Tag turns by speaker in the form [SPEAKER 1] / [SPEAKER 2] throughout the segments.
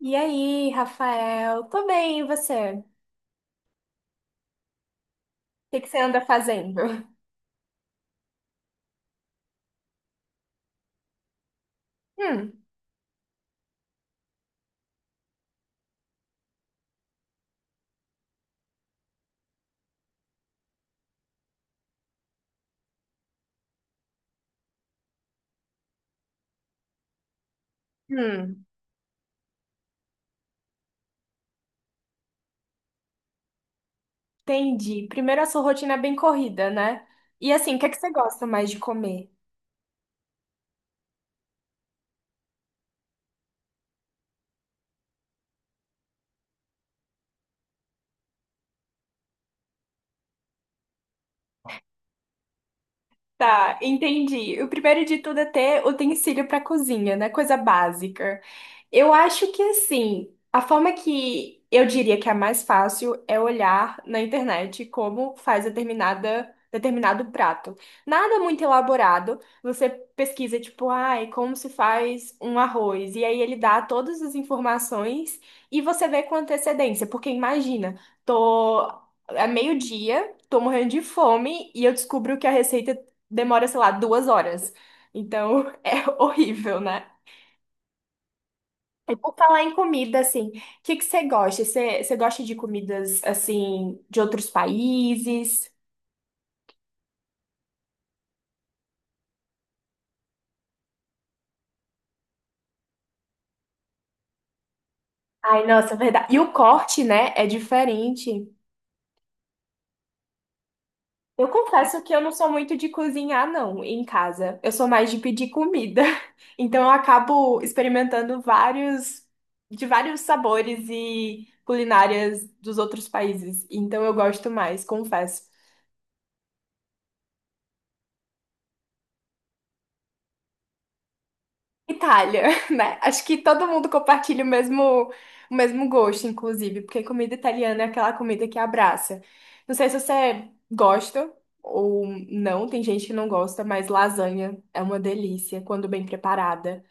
[SPEAKER 1] E aí, Rafael? Tô bem, e você? O que que você anda fazendo? Hum, hum, entendi. Primeiro, a sua rotina é bem corrida, né? E assim, o que é que você gosta mais de comer? Tá, entendi. O primeiro de tudo é ter utensílio para cozinha, né? Coisa básica. Eu acho que assim, a forma que eu diria que é a mais fácil é olhar na internet como faz determinado prato. Nada muito elaborado. Você pesquisa, tipo, ai, como se faz um arroz. E aí ele dá todas as informações e você vê com antecedência. Porque imagina, tô. É meio-dia, tô morrendo de fome e eu descubro que a receita demora, sei lá, 2 horas. Então é horrível, né? E por falar em comida, assim, o que que você gosta? Você gosta de comidas, assim, de outros países? Ai, nossa, verdade. E o corte, né, é diferente. Eu confesso que eu não sou muito de cozinhar, não, em casa. Eu sou mais de pedir comida. Então eu acabo experimentando vários, de vários sabores e culinárias dos outros países. Então eu gosto mais, confesso. Itália, né? Acho que todo mundo compartilha o mesmo gosto, inclusive, porque comida italiana é aquela comida que abraça. Não sei se você gosta ou não, tem gente que não gosta, mas lasanha é uma delícia quando bem preparada.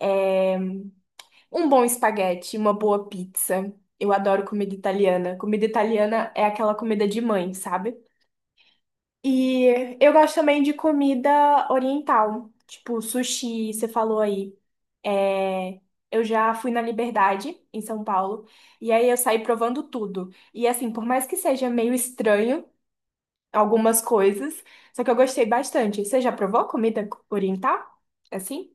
[SPEAKER 1] É um bom espaguete, uma boa pizza. Eu adoro comida italiana. Comida italiana é aquela comida de mãe, sabe? E eu gosto também de comida oriental, tipo sushi, você falou aí. É, eu já fui na Liberdade, em São Paulo, e aí eu saí provando tudo. E assim, por mais que seja meio estranho algumas coisas, só que eu gostei bastante. Você já provou comida oriental? Assim?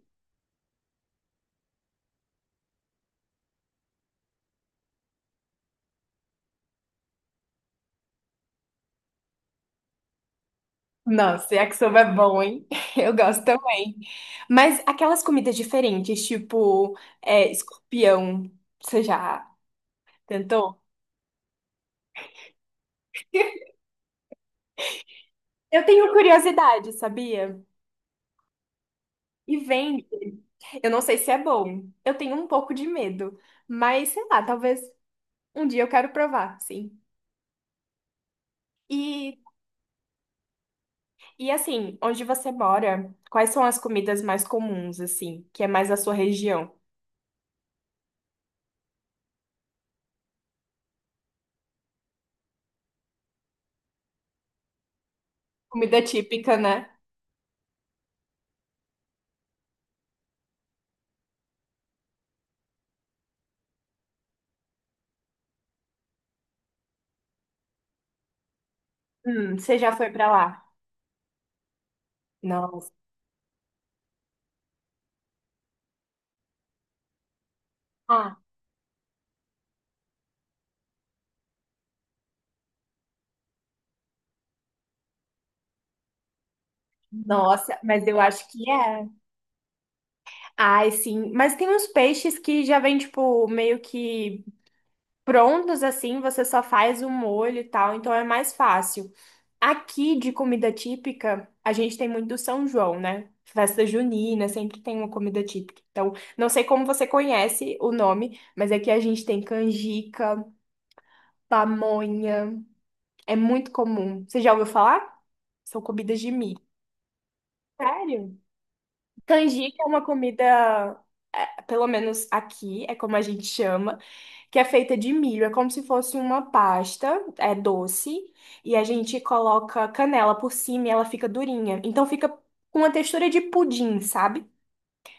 [SPEAKER 1] Nossa, yakisoba é bom, hein? Eu gosto também. Mas aquelas comidas diferentes, tipo é, escorpião, você já tentou? Eu tenho curiosidade, sabia? E vende. Eu não sei se é bom. Eu tenho um pouco de medo, mas sei lá, talvez um dia eu quero provar, sim. E, e assim, onde você mora, quais são as comidas mais comuns, assim, que é mais a sua região? Comida típica, né? Você já foi pra lá? Nossa. Ah, nossa, mas eu acho que é. Ai, sim. Mas tem uns peixes que já vem, tipo, meio que prontos assim, você só faz o molho e tal, então é mais fácil. Aqui de comida típica, a gente tem muito do São João, né? Festa junina, sempre tem uma comida típica. Então, não sei como você conhece o nome, mas aqui a gente tem canjica, pamonha, é muito comum. Você já ouviu falar? São comidas de milho. Sério? Canjica é uma comida, é, pelo menos aqui, é como a gente chama, que é feita de milho. É como se fosse uma pasta, é doce, e a gente coloca canela por cima e ela fica durinha. Então fica com uma textura de pudim, sabe?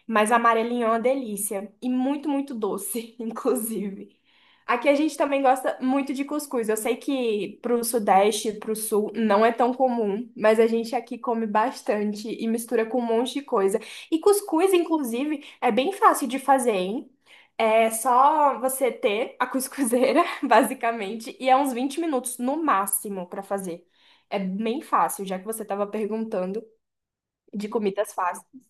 [SPEAKER 1] Mas amarelinho é uma delícia. E muito, muito doce, inclusive. Aqui a gente também gosta muito de cuscuz. Eu sei que pro Sudeste, pro Sul, não é tão comum, mas a gente aqui come bastante e mistura com um monte de coisa. E cuscuz, inclusive, é bem fácil de fazer, hein? É só você ter a cuscuzeira, basicamente, e é uns 20 minutos no máximo pra fazer. É bem fácil, já que você estava perguntando de comidas fáceis.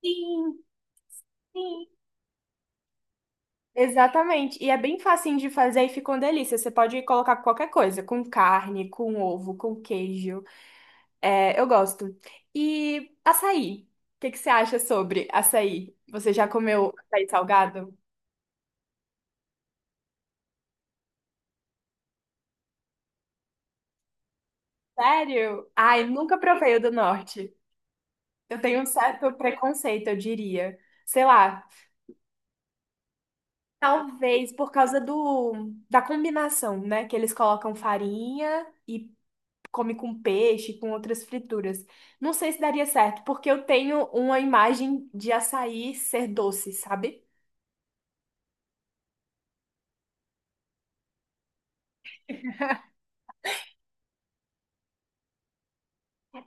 [SPEAKER 1] Sim, sim. Exatamente. E é bem facinho de fazer e fica uma delícia. Você pode colocar qualquer coisa, com carne, com ovo, com queijo. É, eu gosto. E açaí. O que que você acha sobre açaí? Você já comeu açaí salgado? Sério? Ai, nunca provei o do norte. Eu tenho um certo preconceito, eu diria. Sei lá, talvez por causa do da combinação, né? Que eles colocam farinha e come com peixe, com outras frituras. Não sei se daria certo, porque eu tenho uma imagem de açaí ser doce, sabe?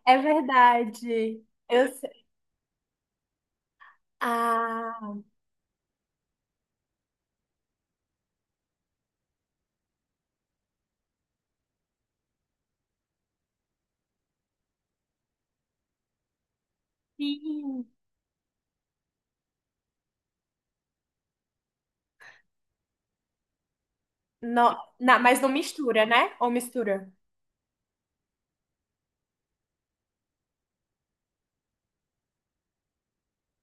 [SPEAKER 1] É verdade. Eu sei. Ah, sim. Não, na- mas não mistura, né? Ou mistura?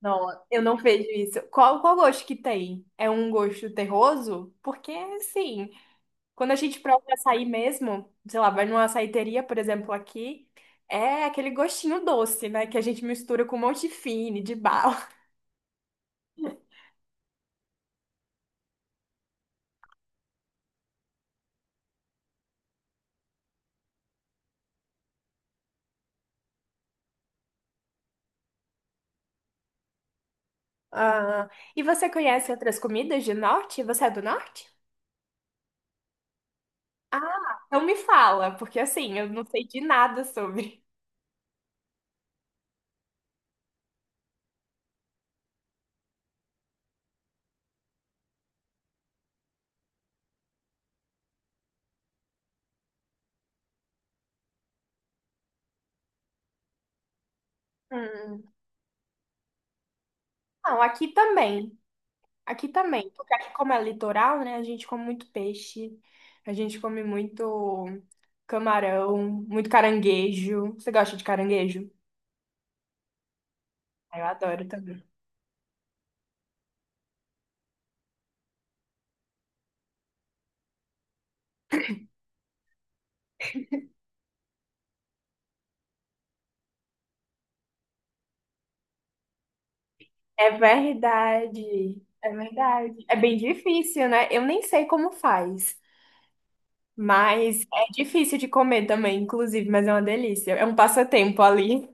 [SPEAKER 1] Não, eu não vejo isso. Qual gosto que tem? É um gosto terroso? Porque, assim, quando a gente prova açaí mesmo, sei lá, vai numa açaiteria, por exemplo, aqui, é aquele gostinho doce, né? Que a gente mistura com um monte de fine, de bala. Ah, e você conhece outras comidas de norte? Você é do norte? Ah, então me fala, porque assim, eu não sei de nada sobre. Hum. Não, aqui também. Aqui também. Porque aqui, como é litoral, né? A gente come muito peixe, a gente come muito camarão, muito caranguejo. Você gosta de caranguejo? Ah, eu adoro também. É verdade. É verdade. É bem difícil, né? Eu nem sei como faz. Mas é difícil de comer também, inclusive, mas é uma delícia. É um passatempo ali.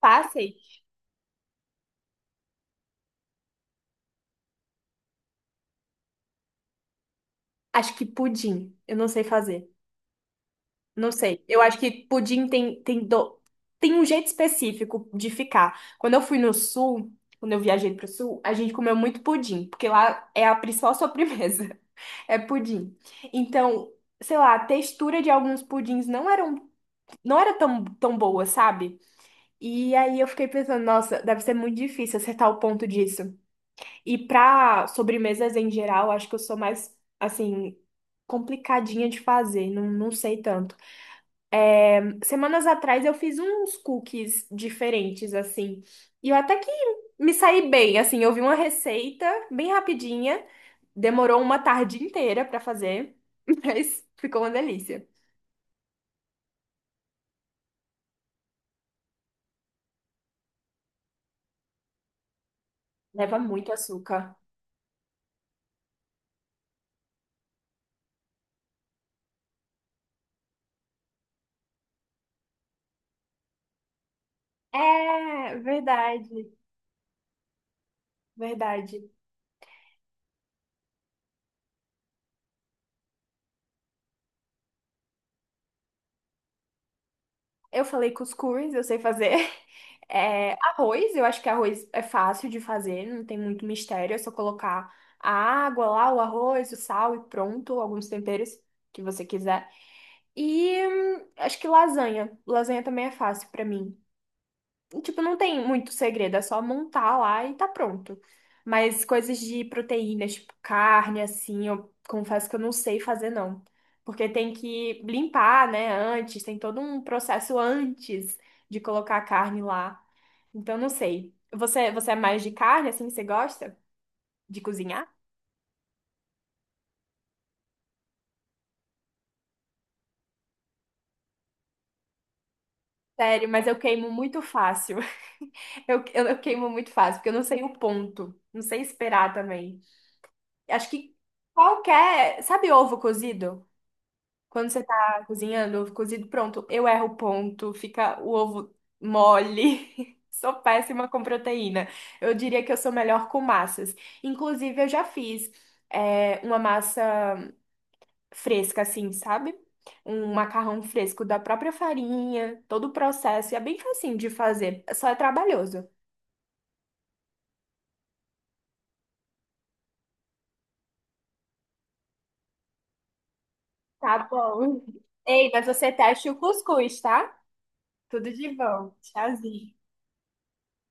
[SPEAKER 1] Passei. Acho que pudim. Eu não sei fazer. Não sei. Eu acho que pudim tem, tem um jeito específico de ficar. Quando eu fui no sul, quando eu viajei pro sul, a gente comeu muito pudim, porque lá é a principal sobremesa. É pudim. Então, sei lá, a textura de alguns pudins não era tão boa, sabe? E aí eu fiquei pensando, nossa, deve ser muito difícil acertar o ponto disso. E pra sobremesas em geral, acho que eu sou mais, assim, complicadinha de fazer, não, não sei tanto. Semanas atrás eu fiz uns cookies diferentes, assim, e eu até que me saí bem, assim, eu vi uma receita bem rapidinha, demorou uma tarde inteira pra fazer, mas ficou uma delícia. Leva muito açúcar. É, verdade, verdade. Eu falei cuscuz, eu sei fazer. É, arroz, eu acho que arroz é fácil de fazer, não tem muito mistério, é só colocar a água lá, o arroz, o sal e pronto, alguns temperos que você quiser. E acho que lasanha. Lasanha também é fácil pra mim. Tipo, não tem muito segredo, é só montar lá e tá pronto. Mas coisas de proteínas, tipo carne, assim, eu confesso que eu não sei fazer, não. Porque tem que limpar, né, antes, tem todo um processo antes de colocar a carne lá. Então, não sei. Você, você é mais de carne, assim, você gosta de cozinhar? Sério, mas eu queimo muito fácil. Eu queimo muito fácil, porque eu não sei o ponto. Não sei esperar também. Acho que qualquer. Sabe ovo cozido? Quando você tá cozinhando, ovo cozido, pronto, eu erro o ponto, fica o ovo mole. Sou péssima com proteína. Eu diria que eu sou melhor com massas. Inclusive, eu já fiz uma massa fresca, assim, sabe? Um macarrão fresco da própria farinha, todo o processo. E é bem facinho de fazer, só é trabalhoso. Tá bom. Ei, mas você teste o cuscuz, tá? Tudo de bom. Tchauzinho.